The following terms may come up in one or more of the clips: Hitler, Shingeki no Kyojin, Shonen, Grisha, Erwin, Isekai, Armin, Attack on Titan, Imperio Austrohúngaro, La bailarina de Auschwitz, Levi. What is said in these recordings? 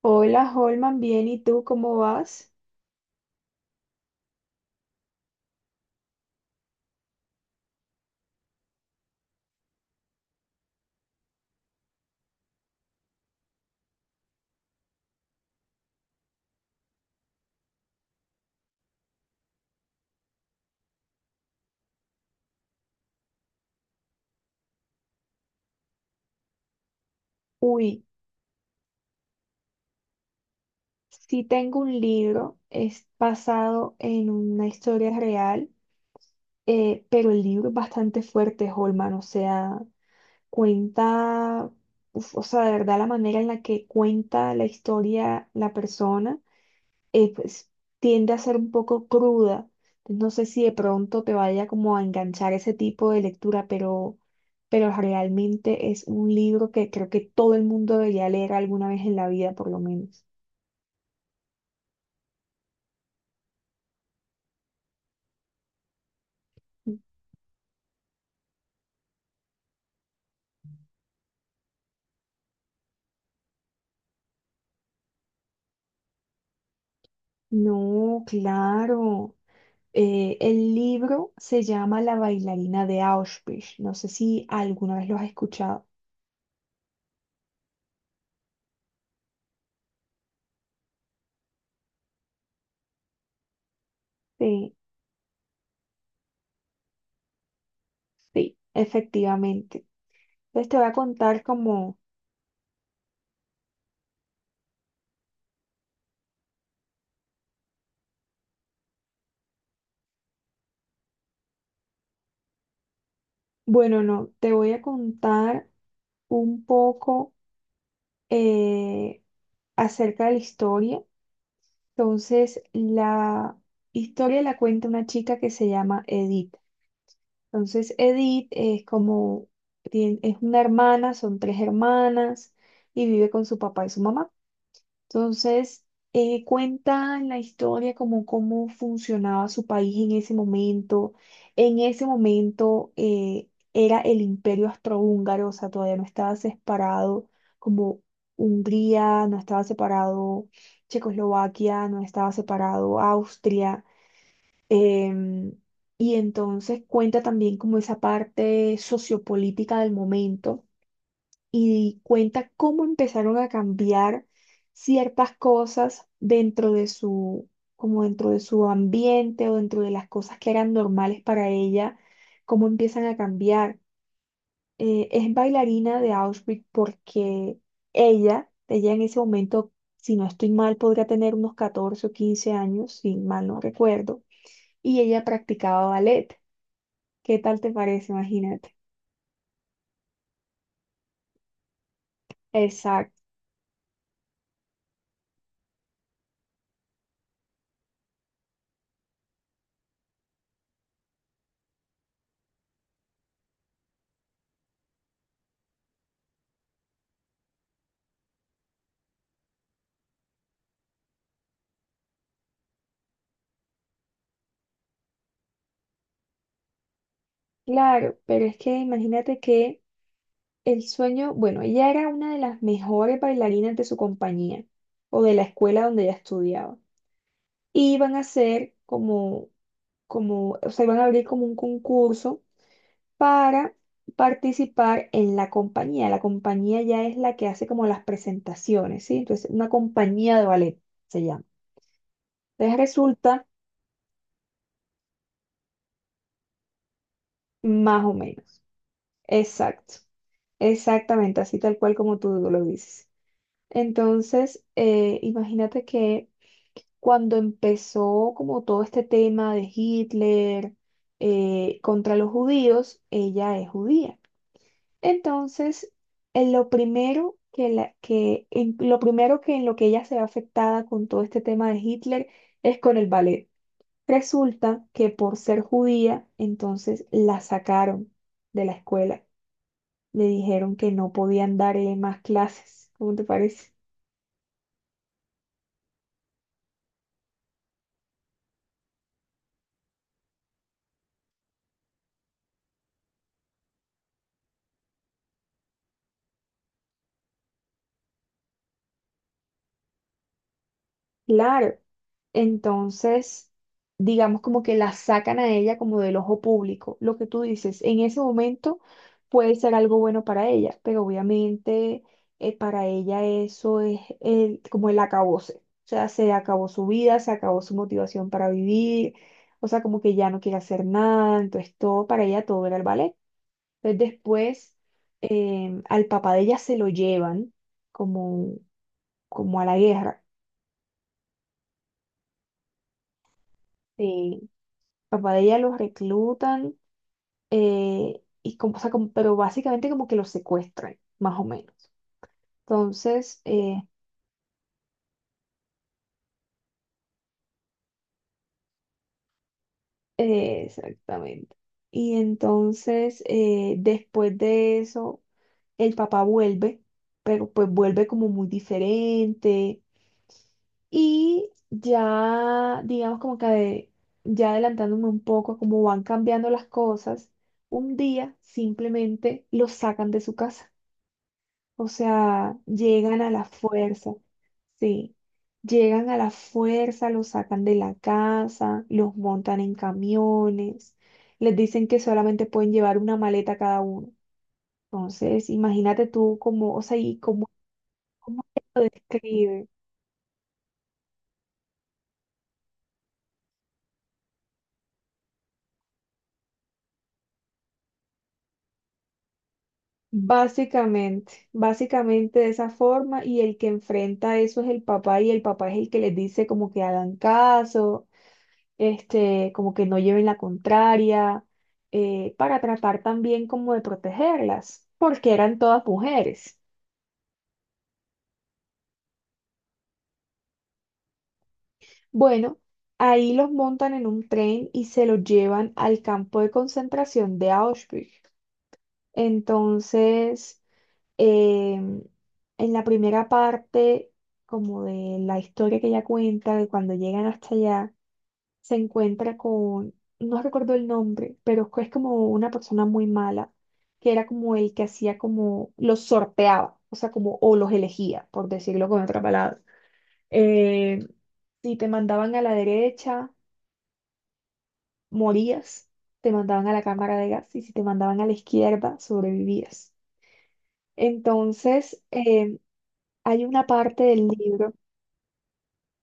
Hola, Holman, bien, ¿y tú cómo vas? Uy, sí tengo un libro, es basado en una historia real, pero el libro es bastante fuerte, Holman, o sea, cuenta, uf, o sea, de verdad la manera en la que cuenta la historia la persona. Pues tiende a ser un poco cruda. No sé si de pronto te vaya como a enganchar ese tipo de lectura, pero realmente es un libro que creo que todo el mundo debería leer alguna vez en la vida, por lo menos. No, claro. El libro se llama La bailarina de Auschwitz. No sé si alguna vez lo has escuchado. Sí, sí, efectivamente. Entonces te voy a contar como, bueno, no, te voy a contar un poco eh, acerca de la historia. Entonces, la historia la cuenta una chica que se llama Edith. Entonces, Edith es como, es una hermana, son tres hermanas y vive con su papá y su mamá. Entonces, cuenta en la historia como cómo funcionaba su país en ese momento. En ese momento era el Imperio Austrohúngaro, o sea, todavía no estaba separado como Hungría, no estaba separado Checoslovaquia, no estaba separado Austria. em, y entonces cuenta también como esa parte sociopolítica del momento y cuenta cómo empezaron a cambiar ciertas cosas dentro de su, como dentro de su ambiente o dentro de las cosas que eran normales para ella, cómo empiezan a cambiar. Es bailarina de Auschwitz porque ella en ese momento, si no estoy mal, podría tener unos 14 o 15 años, si mal no recuerdo, y ella practicaba ballet. ¿Qué tal te parece? Imagínate. Exacto. Claro, pero es que imagínate que el sueño, bueno, ella era una de las mejores bailarinas de su compañía o de la escuela donde ella estudiaba. Y iban a hacer como, como, o sea, iban a abrir como un concurso para participar en la compañía. La compañía ya es la que hace como las presentaciones, ¿sí? Entonces, una compañía de ballet se llama. Entonces resulta más o menos. Exacto. Exactamente, así tal cual como tú lo dices. Entonces, imagínate que cuando empezó como todo este tema de Hitler contra los judíos, ella es judía. Entonces, en lo primero en lo primero que en lo que ella se ve afectada con todo este tema de Hitler es con el ballet. Resulta que por ser judía, entonces la sacaron de la escuela. Le dijeron que no podían darle más clases. ¿Cómo te parece? Claro. Entonces, digamos como que la sacan a ella como del ojo público. Lo que tú dices, en ese momento puede ser algo bueno para ella, pero obviamente para ella eso como el acabose. O sea, se acabó su vida, se acabó su motivación para vivir, o sea, como que ya no quiere hacer nada, entonces todo para ella todo era el ballet. Entonces después al papá de ella se lo llevan como, como a la guerra. eh, Papá de ella los reclutan, y como, o sea, pero básicamente como que los secuestran, más o menos. Entonces, exactamente. Y entonces, después de eso, el papá vuelve, pero pues vuelve como muy diferente. Y ya, digamos ya adelantándome un poco a cómo van cambiando las cosas, un día simplemente los sacan de su casa. O sea, llegan a la fuerza, sí, llegan a la fuerza, los sacan de la casa, los montan en camiones, les dicen que solamente pueden llevar una maleta cada uno. Entonces, imagínate tú cómo, o sea, y cómo, cómo te lo describe. Básicamente, básicamente de esa forma, y el que enfrenta eso es el papá, y el papá es el que les dice como que hagan caso, este, como que no lleven la contraria, para tratar también como de protegerlas, porque eran todas mujeres. Bueno, ahí los montan en un tren y se los llevan al campo de concentración de Auschwitz. Entonces, em, en la primera parte, como de la historia que ella cuenta, de cuando llegan hasta allá, se encuentra con, no recuerdo el nombre, pero es como una persona muy mala, que era como el que hacía como, los sorteaba, o sea, como, o los elegía, por decirlo con otra palabra. Eh, si te mandaban a la derecha, morías, te mandaban a la cámara de gas y si te mandaban a la izquierda, sobrevivías. Entonces, hay una parte del libro,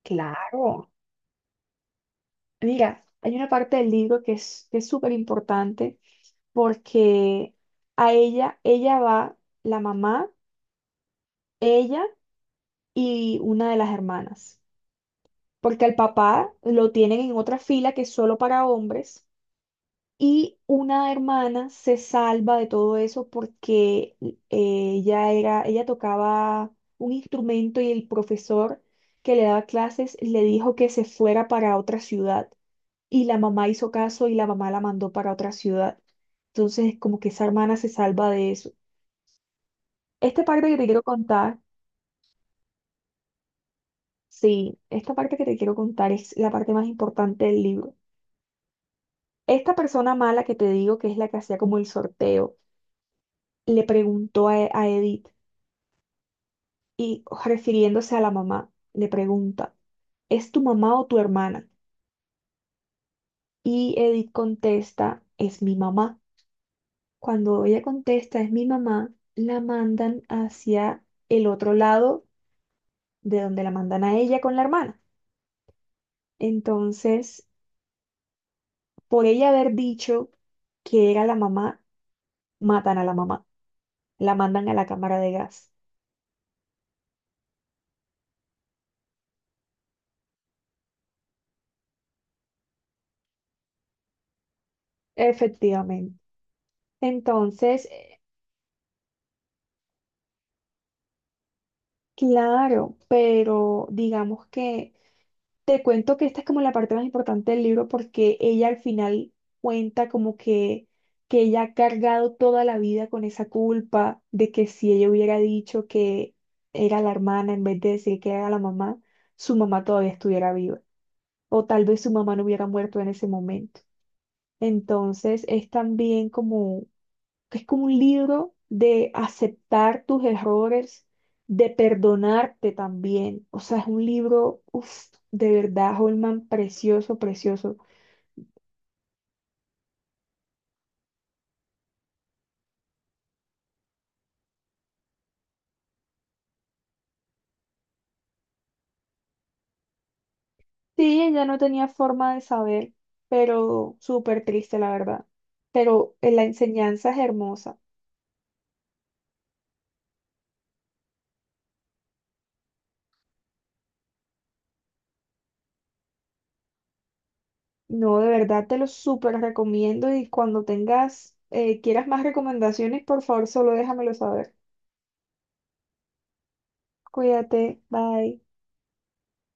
claro, mira, hay una parte del libro que es súper importante porque a ella va la mamá, ella y una de las hermanas, porque al papá lo tienen en otra fila que es solo para hombres y una hermana se salva de todo eso porque ella tocaba un instrumento y el profesor que le daba clases le dijo que se fuera para otra ciudad y la mamá hizo caso y la mamá la mandó para otra ciudad. Entonces, como que esa hermana se salva de eso. Esta parte que te quiero contar, sí, esta parte que te quiero contar es la parte más importante del libro. Esta persona mala que te digo, que es la que hacía como el sorteo, le preguntó a Edith y refiriéndose a la mamá, le pregunta, ¿es tu mamá o tu hermana? Y Edith contesta, es mi mamá. Cuando ella contesta, es mi mamá, la mandan hacia el otro lado de donde la mandan a ella con la hermana. Entonces, por ella haber dicho que era la mamá, matan a la mamá, la mandan a la cámara de gas. Efectivamente. Entonces, claro, pero digamos que te cuento que esta es como la parte más importante del libro porque ella al final cuenta como que ella ha cargado toda la vida con esa culpa de que si ella hubiera dicho que era la hermana en vez de decir que era la mamá, su mamá todavía estuviera viva. O tal vez su mamá no hubiera muerto en ese momento. Entonces es también como, es como un libro de aceptar tus errores, de perdonarte también. O sea, es un libro, uf, de verdad, Holman, precioso, precioso. Sí, ella no tenía forma de saber, pero súper triste, la verdad. Pero la enseñanza es hermosa. No, de verdad te lo súper recomiendo y cuando tengas, quieras más recomendaciones, por favor, solo déjamelo saber. Cuídate, bye.